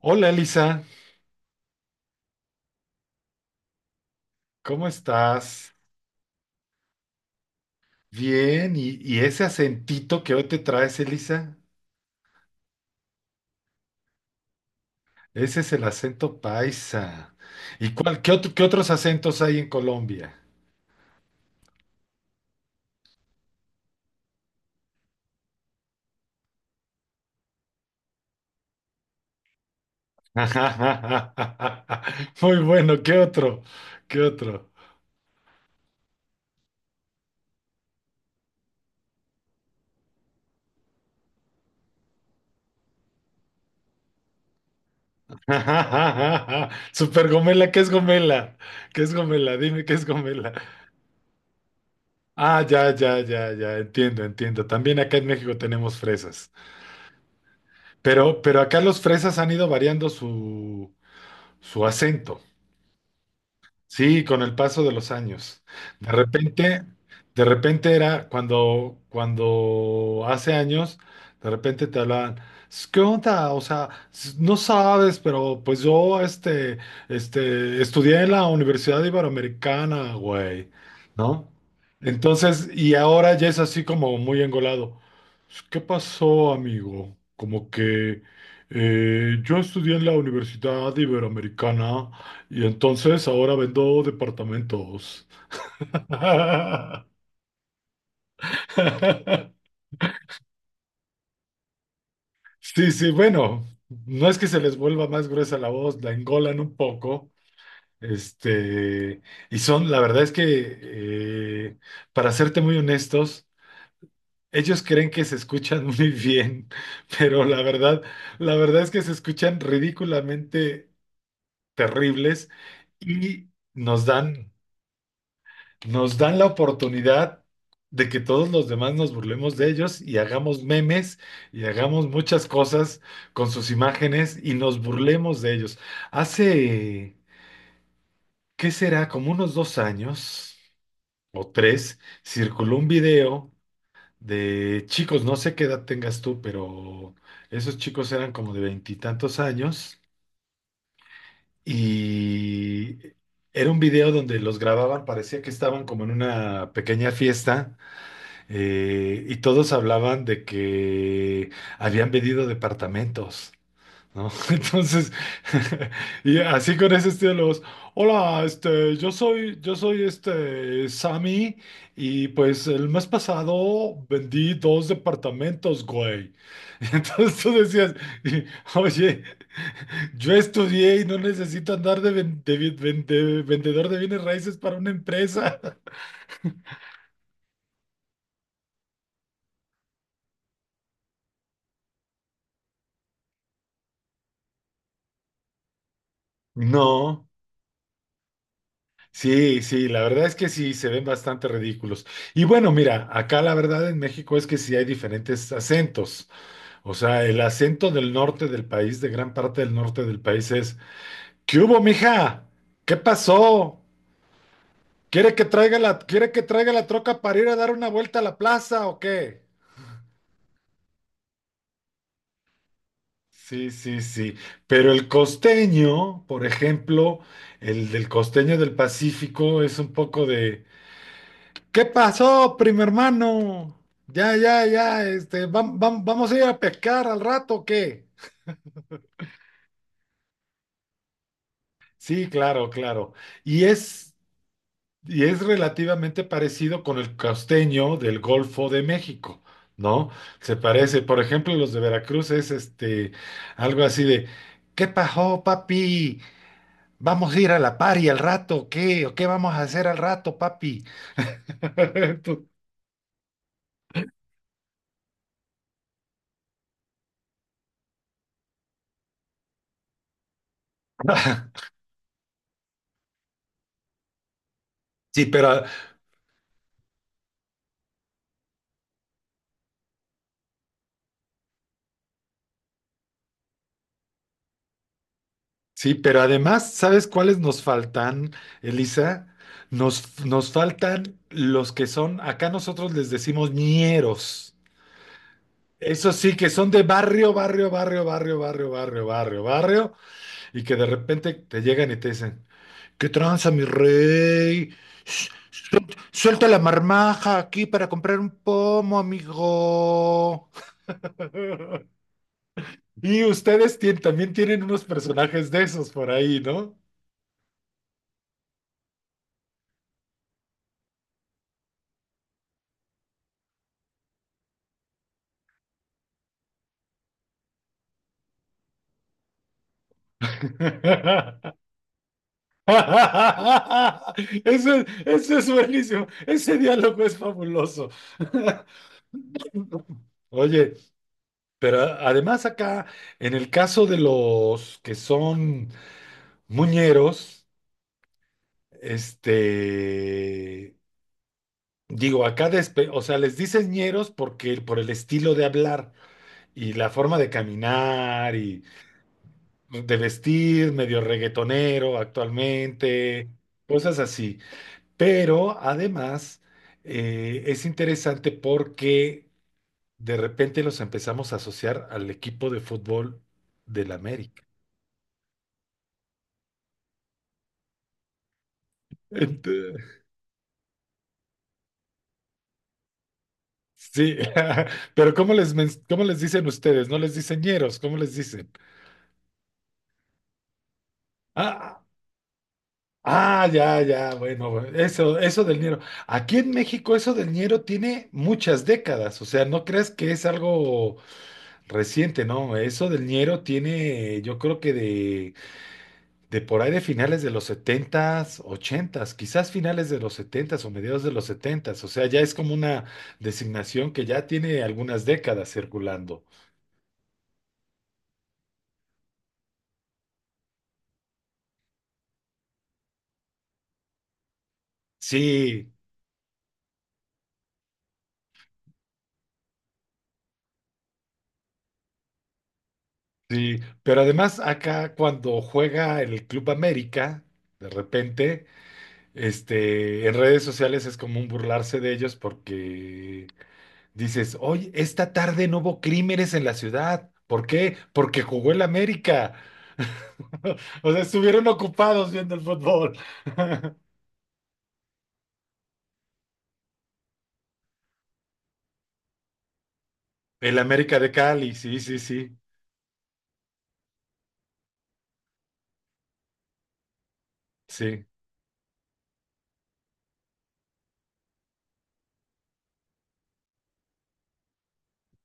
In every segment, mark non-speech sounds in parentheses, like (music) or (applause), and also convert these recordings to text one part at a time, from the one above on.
Hola Elisa, ¿cómo estás? Bien, y ese acentito que hoy te traes, Elisa, ese es el acento paisa. ¿Y cuál, qué otros acentos hay en Colombia? (laughs) Muy bueno, ¿qué otro? ¿Qué otro? (laughs) Super Gomela, ¿qué es Gomela? ¿Qué es Gomela? Dime qué es Gomela. Ah, ya, ya, ya, ya, entiendo, entiendo. También acá en México tenemos fresas. Pero acá los fresas han ido variando su acento. Sí, con el paso de los años. De repente, de repente era cuando hace años, de repente te hablaban, ¿Qué onda? O sea, no sabes, pero pues yo estudié en la Universidad Iberoamericana, güey, ¿no? Entonces, y ahora ya es así como muy engolado. ¿Qué pasó, amigo? Como que yo estudié en la Universidad Iberoamericana. Y entonces ahora vendo departamentos. (laughs) Sí, sí, bueno, no es que se les vuelva más gruesa la voz, la engolan un poco. Este, y son, la verdad es que, eh, para serte muy honestos, ellos creen que se escuchan (laughs) muy bien, pero la verdad es que se escuchan ridículamente terribles y nos dan. nos dan la oportunidad de que todos los demás nos burlemos de ellos y hagamos memes y hagamos muchas cosas con sus imágenes y nos burlemos de ellos. Hace, ¿qué será? Como unos 2 años o tres, circuló un video de chicos, no sé qué edad tengas tú, pero esos chicos eran como de veintitantos años y... Era un video donde los grababan, parecía que estaban como en una pequeña fiesta. Y todos hablaban de que habían vendido departamentos, ¿no? (laughs) Entonces, (laughs) y así con ese estilo, los, hola, yo soy Sammy, y pues el mes pasado vendí dos departamentos, güey. (laughs) Y entonces tú decías, (laughs) y, oye, yo estudié y no necesito andar de vendedor de bienes raíces para una empresa. (laughs) No. Sí, sí, la verdad es que sí, se ven bastante ridículos. Y bueno, mira, acá la verdad en México es que sí hay diferentes acentos. O sea, el acento del norte del país, de gran parte del norte del país es, ¿qué hubo, mija? ¿Qué pasó? ¿Quiere que traiga la, quiere que traiga la troca para ir a dar una vuelta a la plaza o qué? Sí, sí, sí. Pero el costeño, por ejemplo, el del costeño del Pacífico es un poco de... ¿Qué pasó, primo hermano? Ya, ya, ya, vamos a ir a pescar al rato, ¿o qué? Sí, claro, claro. Y es, y es relativamente parecido con el costeño del Golfo de México, ¿no? Se parece, por ejemplo, los de Veracruz es algo así de, ¿qué pasó, papi? Vamos a ir a la pari al rato, ¿o qué? ¿O qué vamos a hacer al rato, papi? (laughs) Tú- (laughs) Sí, pero sí, pero además, ¿sabes cuáles nos faltan, Elisa? Nos faltan los que son, acá nosotros les decimos ñeros. Eso sí, que son de barrio, barrio, barrio, barrio, barrio, barrio, barrio, barrio, y que de repente te llegan y te dicen, ¿qué tranza, mi rey? Sh- Suelta la marmaja aquí para comprar un pomo, amigo. (laughs) Y ustedes también tienen unos personajes de esos por ahí, ¿no? (laughs) (laughs) Eso es buenísimo. Ese diálogo es fabuloso. (laughs) Oye, pero además acá, en el caso de los que son muñeros, este, digo, acá, o sea, les dicen ñeros porque por el estilo de hablar y la forma de caminar y de vestir, medio reggaetonero actualmente, cosas así. Pero además es interesante porque de repente los empezamos a asociar al equipo de fútbol del América. Ent- sí, (laughs) pero ¿cómo les, cómo les dicen ustedes? ¿No les dicen ñeros? ¿Cómo les dicen? Ah, ah, ya, ya, bueno, bueno, eso del ñero. Aquí en México eso del ñero tiene muchas décadas, o sea, no creas que es algo reciente, no, eso del ñero tiene, yo creo que de por ahí de finales de los setentas, ochentas, quizás finales de los setentas o mediados de los setentas. O sea, ya es como una designación que ya tiene algunas décadas circulando. Sí, sí, pero además acá cuando juega el Club América, de repente, en redes sociales es común burlarse de ellos porque dices, oye, esta tarde no hubo crímenes en la ciudad. ¿Por qué? Porque jugó el América. (laughs) O sea, estuvieron ocupados viendo el fútbol. (laughs) El América de Cali, sí, sí, sí, sí,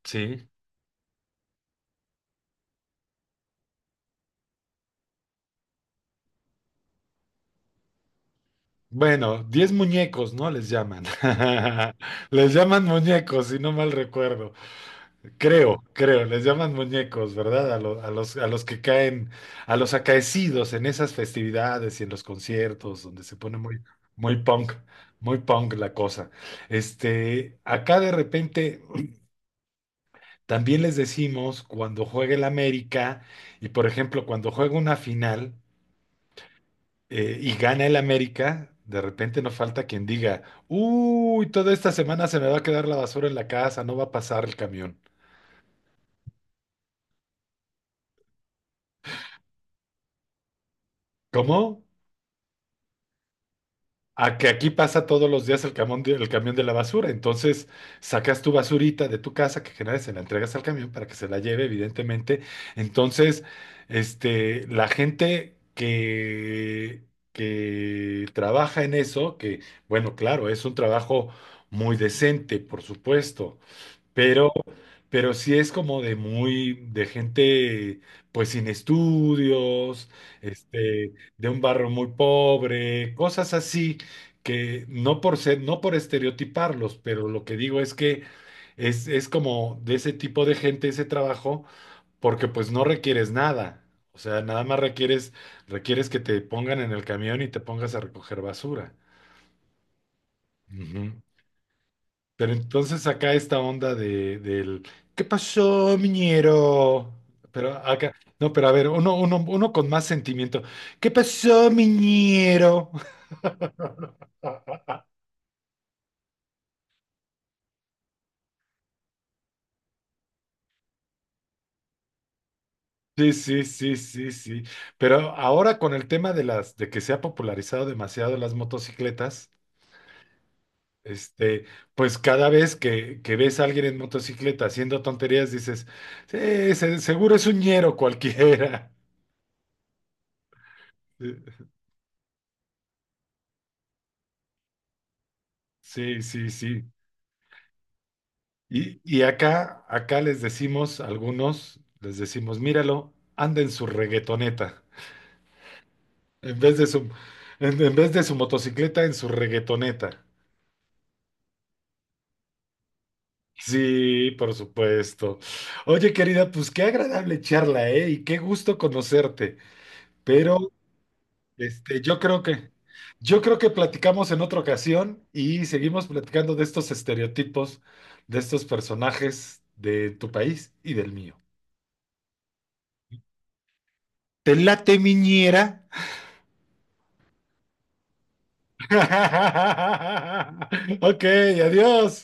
sí. Bueno, 10 muñecos, ¿no? Les llaman. (laughs) Les llaman muñecos, si no mal recuerdo. Creo, creo, les llaman muñecos, ¿verdad? A los que caen, a los acaecidos en esas festividades y en los conciertos, donde se pone muy, muy punk, muy punk la cosa. Acá de repente también les decimos cuando juegue el América, y por ejemplo, cuando juega una final, y gana el América, de repente nos falta quien diga, uy, toda esta semana se me va a quedar la basura en la casa, no va a pasar el camión. ¿Cómo? A que aquí pasa todos los días el camión de la basura. Entonces, sacas tu basurita de tu casa que generas, se la entregas al camión para que se la lleve, evidentemente. Entonces, la gente que, trabaja en eso, que, bueno, claro, es un trabajo muy decente, por supuesto, pero pero sí es como de muy, de gente pues sin estudios, de un barrio muy pobre, cosas así, que no por ser, no por estereotiparlos, pero lo que digo es que es como de ese tipo de gente ese trabajo, porque pues no requieres nada. O sea, nada más requieres, requieres que te pongan en el camión y te pongas a recoger basura. Ujú. Pero entonces acá esta onda de, del ¿qué pasó, miñero? Pero acá, no, pero a ver, uno, uno, uno con más sentimiento. ¿Qué pasó, miñero? (laughs) Sí, sí, sí, sí, sí. Pero ahora con el tema de las, de que se ha popularizado demasiado las motocicletas, este, pues cada vez que ves a alguien en motocicleta haciendo tonterías, dices, sí, seguro es un ñero cualquiera. (laughs) Sí, sí, sí. Y acá, acá les decimos, algunos les decimos, míralo, anda en su reggaetoneta, en vez de su, en vez de su motocicleta, en su reggaetoneta. Sí, por supuesto. Oye, querida, pues qué agradable charla, ¿eh? Y qué gusto conocerte. Pero, este, yo creo que, yo creo que platicamos en otra ocasión y seguimos platicando de estos estereotipos, de estos personajes de tu país y del mío. ¿Te late, miñera? (laughs) ok, adiós.